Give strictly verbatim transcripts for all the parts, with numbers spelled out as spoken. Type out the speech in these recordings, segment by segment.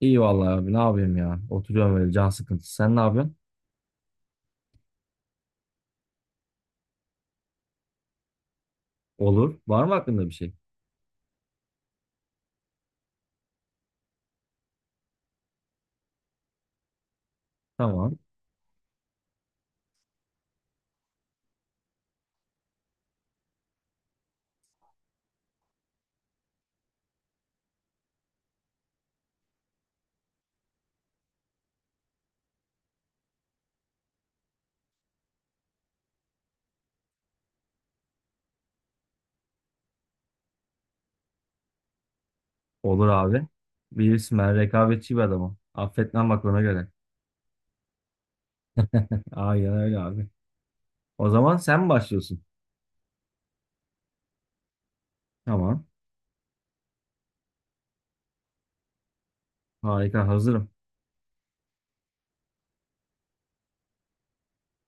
İyi vallahi abi, ne yapayım ya. Oturuyorum böyle, can sıkıntısı. Sen ne yapıyorsun? Olur. Var mı aklında bir şey? Tamam. Olur abi. Bilirsin, ben rekabetçi bir adamım. Affetmem, bak ona göre. Aynen öyle abi. O zaman sen mi başlıyorsun? Tamam. Harika, hazırım.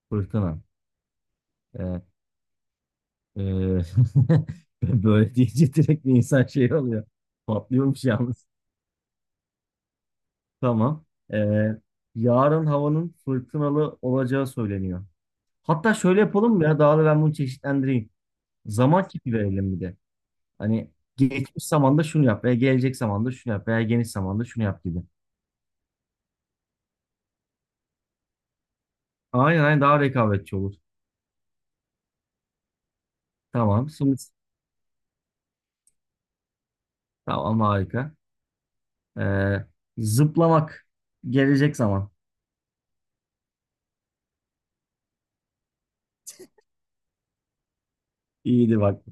Fırtına. Evet. Ee, böyle deyince direkt insan şey oluyor. Patlıyormuş yalnız. Tamam. Ee, yarın havanın fırtınalı olacağı söyleniyor. Hatta şöyle yapalım mı ya? Daha da ben bunu çeşitlendireyim. Zaman kipi verelim bir de. Hani, geçmiş zamanda şunu yap veya gelecek zamanda şunu yap veya geniş zamanda şunu yap gibi. Aynen, aynen, daha rekabetçi olur. Tamam. Şimdi tamam, harika. Ee, zıplamak, gelecek zaman. İyiydi bak.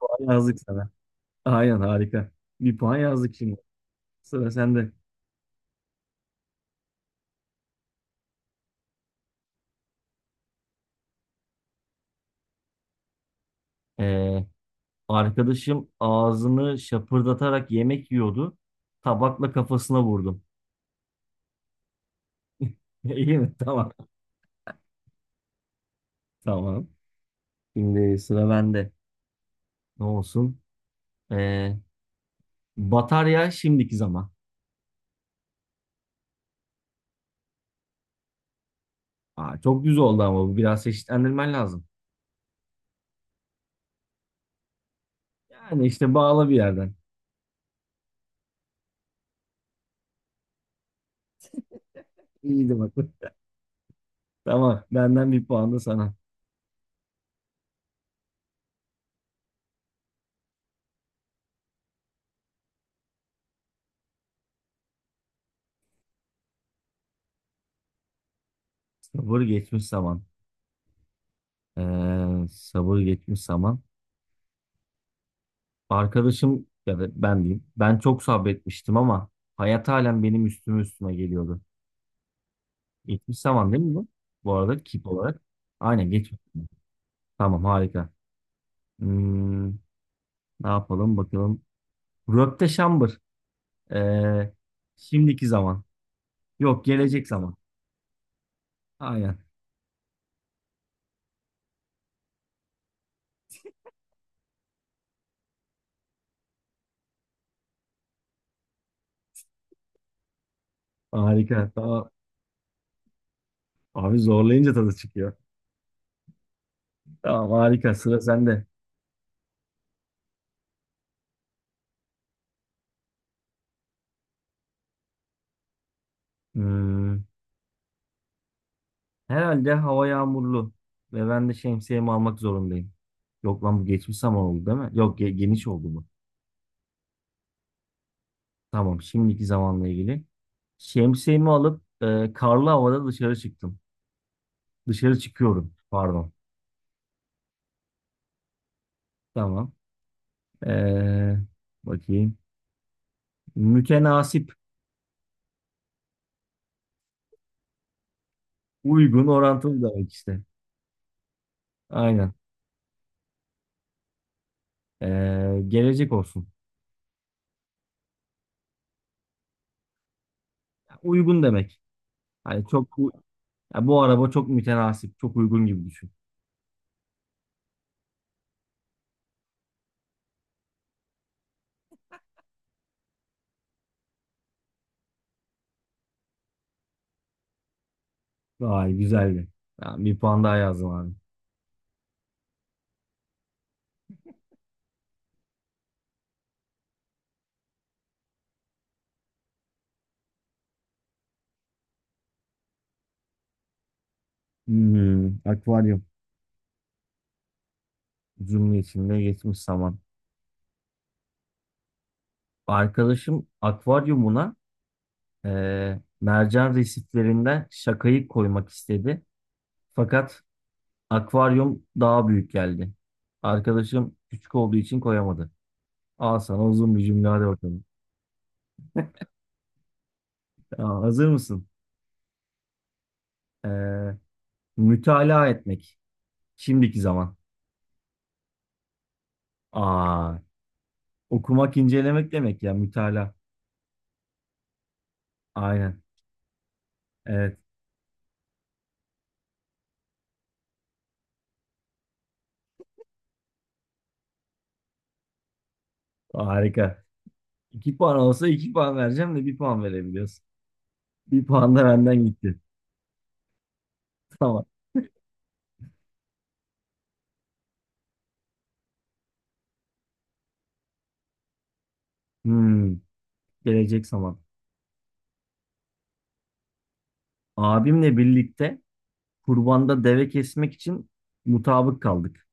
Puan yazdık sana. Aynen, harika. Bir puan yazdık şimdi. Sıra sende. Ee, arkadaşım ağzını şapırdatarak yemek yiyordu. Tabakla kafasına vurdum. İyi mi? Tamam. Tamam. Şimdi sıra bende. Ne olsun? Ee, Batarya, şimdiki zaman. Aa, çok düz oldu ama bu, biraz çeşitlendirmen lazım. Yani işte bağla bir yerden. İyiydi bak. Tamam, benden bir puan da sana. Sabır, geçmiş zaman. Ee, sabır, geçmiş zaman. Arkadaşım, ya da ben diyeyim, ben çok sabretmiştim ama hayat halen benim üstüme üstüme geliyordu. Geçmiş zaman değil mi bu? Bu arada, kip olarak. Aynen, geçmiş zaman. Tamam, harika. Hmm, ne yapalım bakalım. Röpte şambır. Ee, şimdiki zaman. Yok, gelecek zaman. Aynen. Harika. Tamam. Abi, zorlayınca tadı çıkıyor. Tamam, harika. Sıra sende. Hmm, herhalde hava yağmurlu ve ben de şemsiyemi almak zorundayım. Yok lan, bu geçmiş zaman oldu değil mi? Yok, ge- geniş oldu bu. Tamam, şimdiki zamanla ilgili. Şemsiyemi alıp e, karlı havada dışarı çıktım. Dışarı çıkıyorum. Pardon. Tamam. Ee, bakayım. Mütenasip. Uygun, orantılı demek işte. Aynen. Ee, gelecek olsun. Uygun demek. Hani çok bu, ya bu araba çok mütenasip, çok uygun gibi düşün. Vay, güzeldi. Ya, bir puan daha yazdım abi. Hmm, akvaryum cümlesinde geçmiş zaman. Arkadaşım akvaryumuna eee, mercan resiflerinden şakayı koymak istedi. Fakat akvaryum daha büyük geldi. Arkadaşım küçük olduğu için koyamadı. Al sana uzun bir cümle, hadi bakalım. Ya, hazır mısın? Eee mütalaa etmek. Şimdiki zaman. Aa, okumak, incelemek demek ya, mütalaa. Aynen. Evet. Harika. İki puan olsa iki puan vereceğim de bir puan verebiliyorsun. Bir puan da benden gitti. Tamam. Hmm, gelecek zaman. Abimle birlikte kurbanda deve kesmek için mutabık kaldık.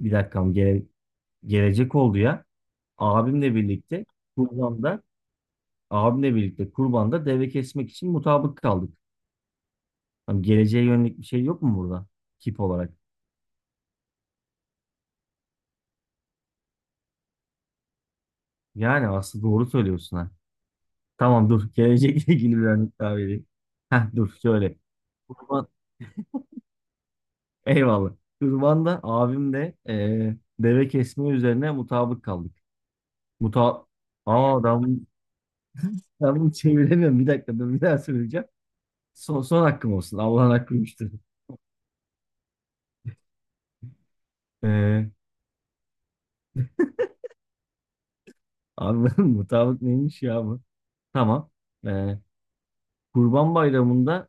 Bir dakikam gele- gelecek oldu ya. Abimle birlikte kurbanda abimle birlikte kurbanda deve kesmek için mutabık kaldık. Hani geleceğe yönelik bir şey yok mu burada? Tip olarak. Yani aslında doğru söylüyorsun ha. Tamam dur. Gelecekle ilgili bir örnek daha vereyim. Heh, dur şöyle. Kurban, eyvallah. Kurban'da abim de eee, deve kesme üzerine mutabık kaldık. Muta Aa, ben, bunu- ben bunu çeviremiyorum. Bir dakika dur, bir daha söyleyeceğim. Son, son hakkım olsun. Allah'ın hakkıymıştır. Eee abi, mutabık neymiş ya bu? Tamam. Eee, Kurban Bayramı'nda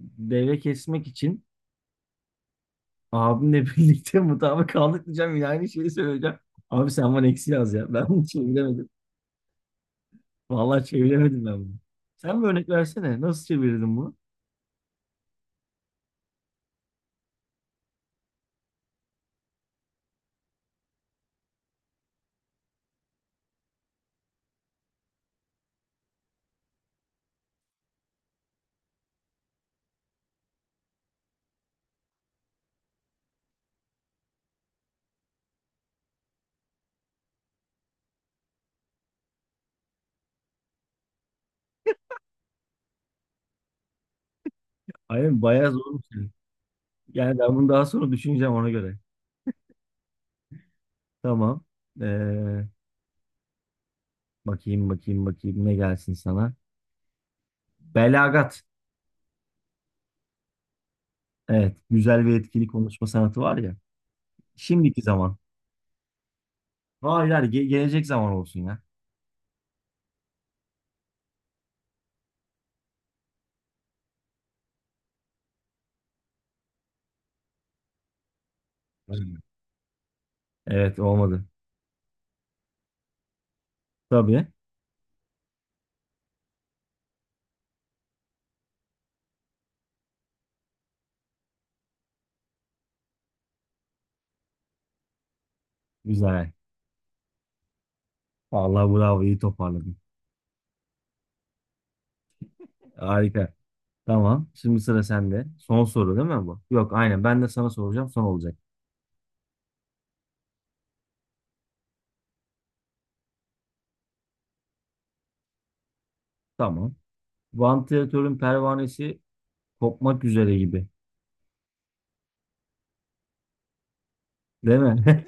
deve kesmek için abimle birlikte mutabık kaldık diyeceğim. Yine aynı şeyi söyleyeceğim. Abi, sen bana eksi yaz ya. Ben bunu çeviremedim. Vallahi çeviremedim ben bunu. Sen bir örnek versene. Nasıl çevirdin bunu? Aynen, bayağı zormuş yani. Yani ben bunu daha sonra düşüneceğim, ona göre. Tamam. Ee, bakayım, bakayım, bakayım, ne gelsin sana. Belagat. Evet. Güzel ve etkili konuşma sanatı var ya. Şimdiki zaman. Hayır, hayır, ge- gelecek zaman olsun ya. Aynen. Evet, olmadı. Tabii. Güzel. Vallahi bravo, iyi toparladın. Harika. Tamam. Şimdi sıra sende. Son soru değil mi bu? Yok aynen, ben de sana soracağım, son olacak. Tamam. Vantilatörün pervanesi kopmak üzere gibi. Değil mi?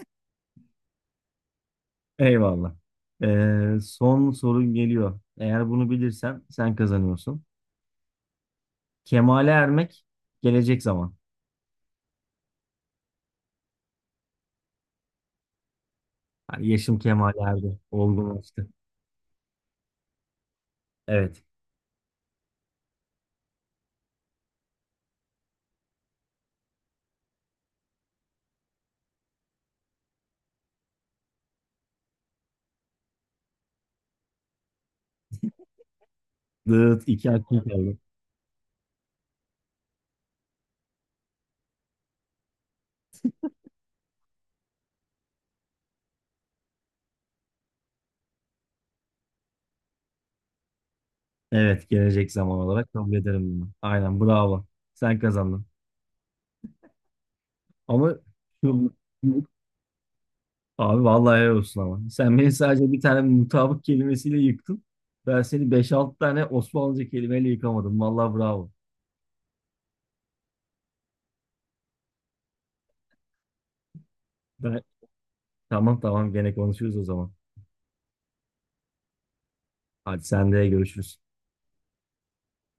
Eyvallah. Ee, son sorun geliyor. Eğer bunu bilirsen sen kazanıyorsun. Kemale ermek, gelecek zaman. Yani yaşım kemale erdi. Olgunlaştı. Evet. Dıt, iki hakkım kaldı. Evet, gelecek zaman olarak kabul ederim bunu. Aynen, bravo. Sen kazandın. Ama şu Abi, vallahi helal olsun ama. Sen beni sadece bir tane mutabık kelimesiyle yıktın. Ben seni beş altı tane Osmanlıca kelimeyle yıkamadım. Vallahi bravo. Ben... Tamam, tamam, gene konuşuruz o zaman. Hadi, sen de görüşürüz.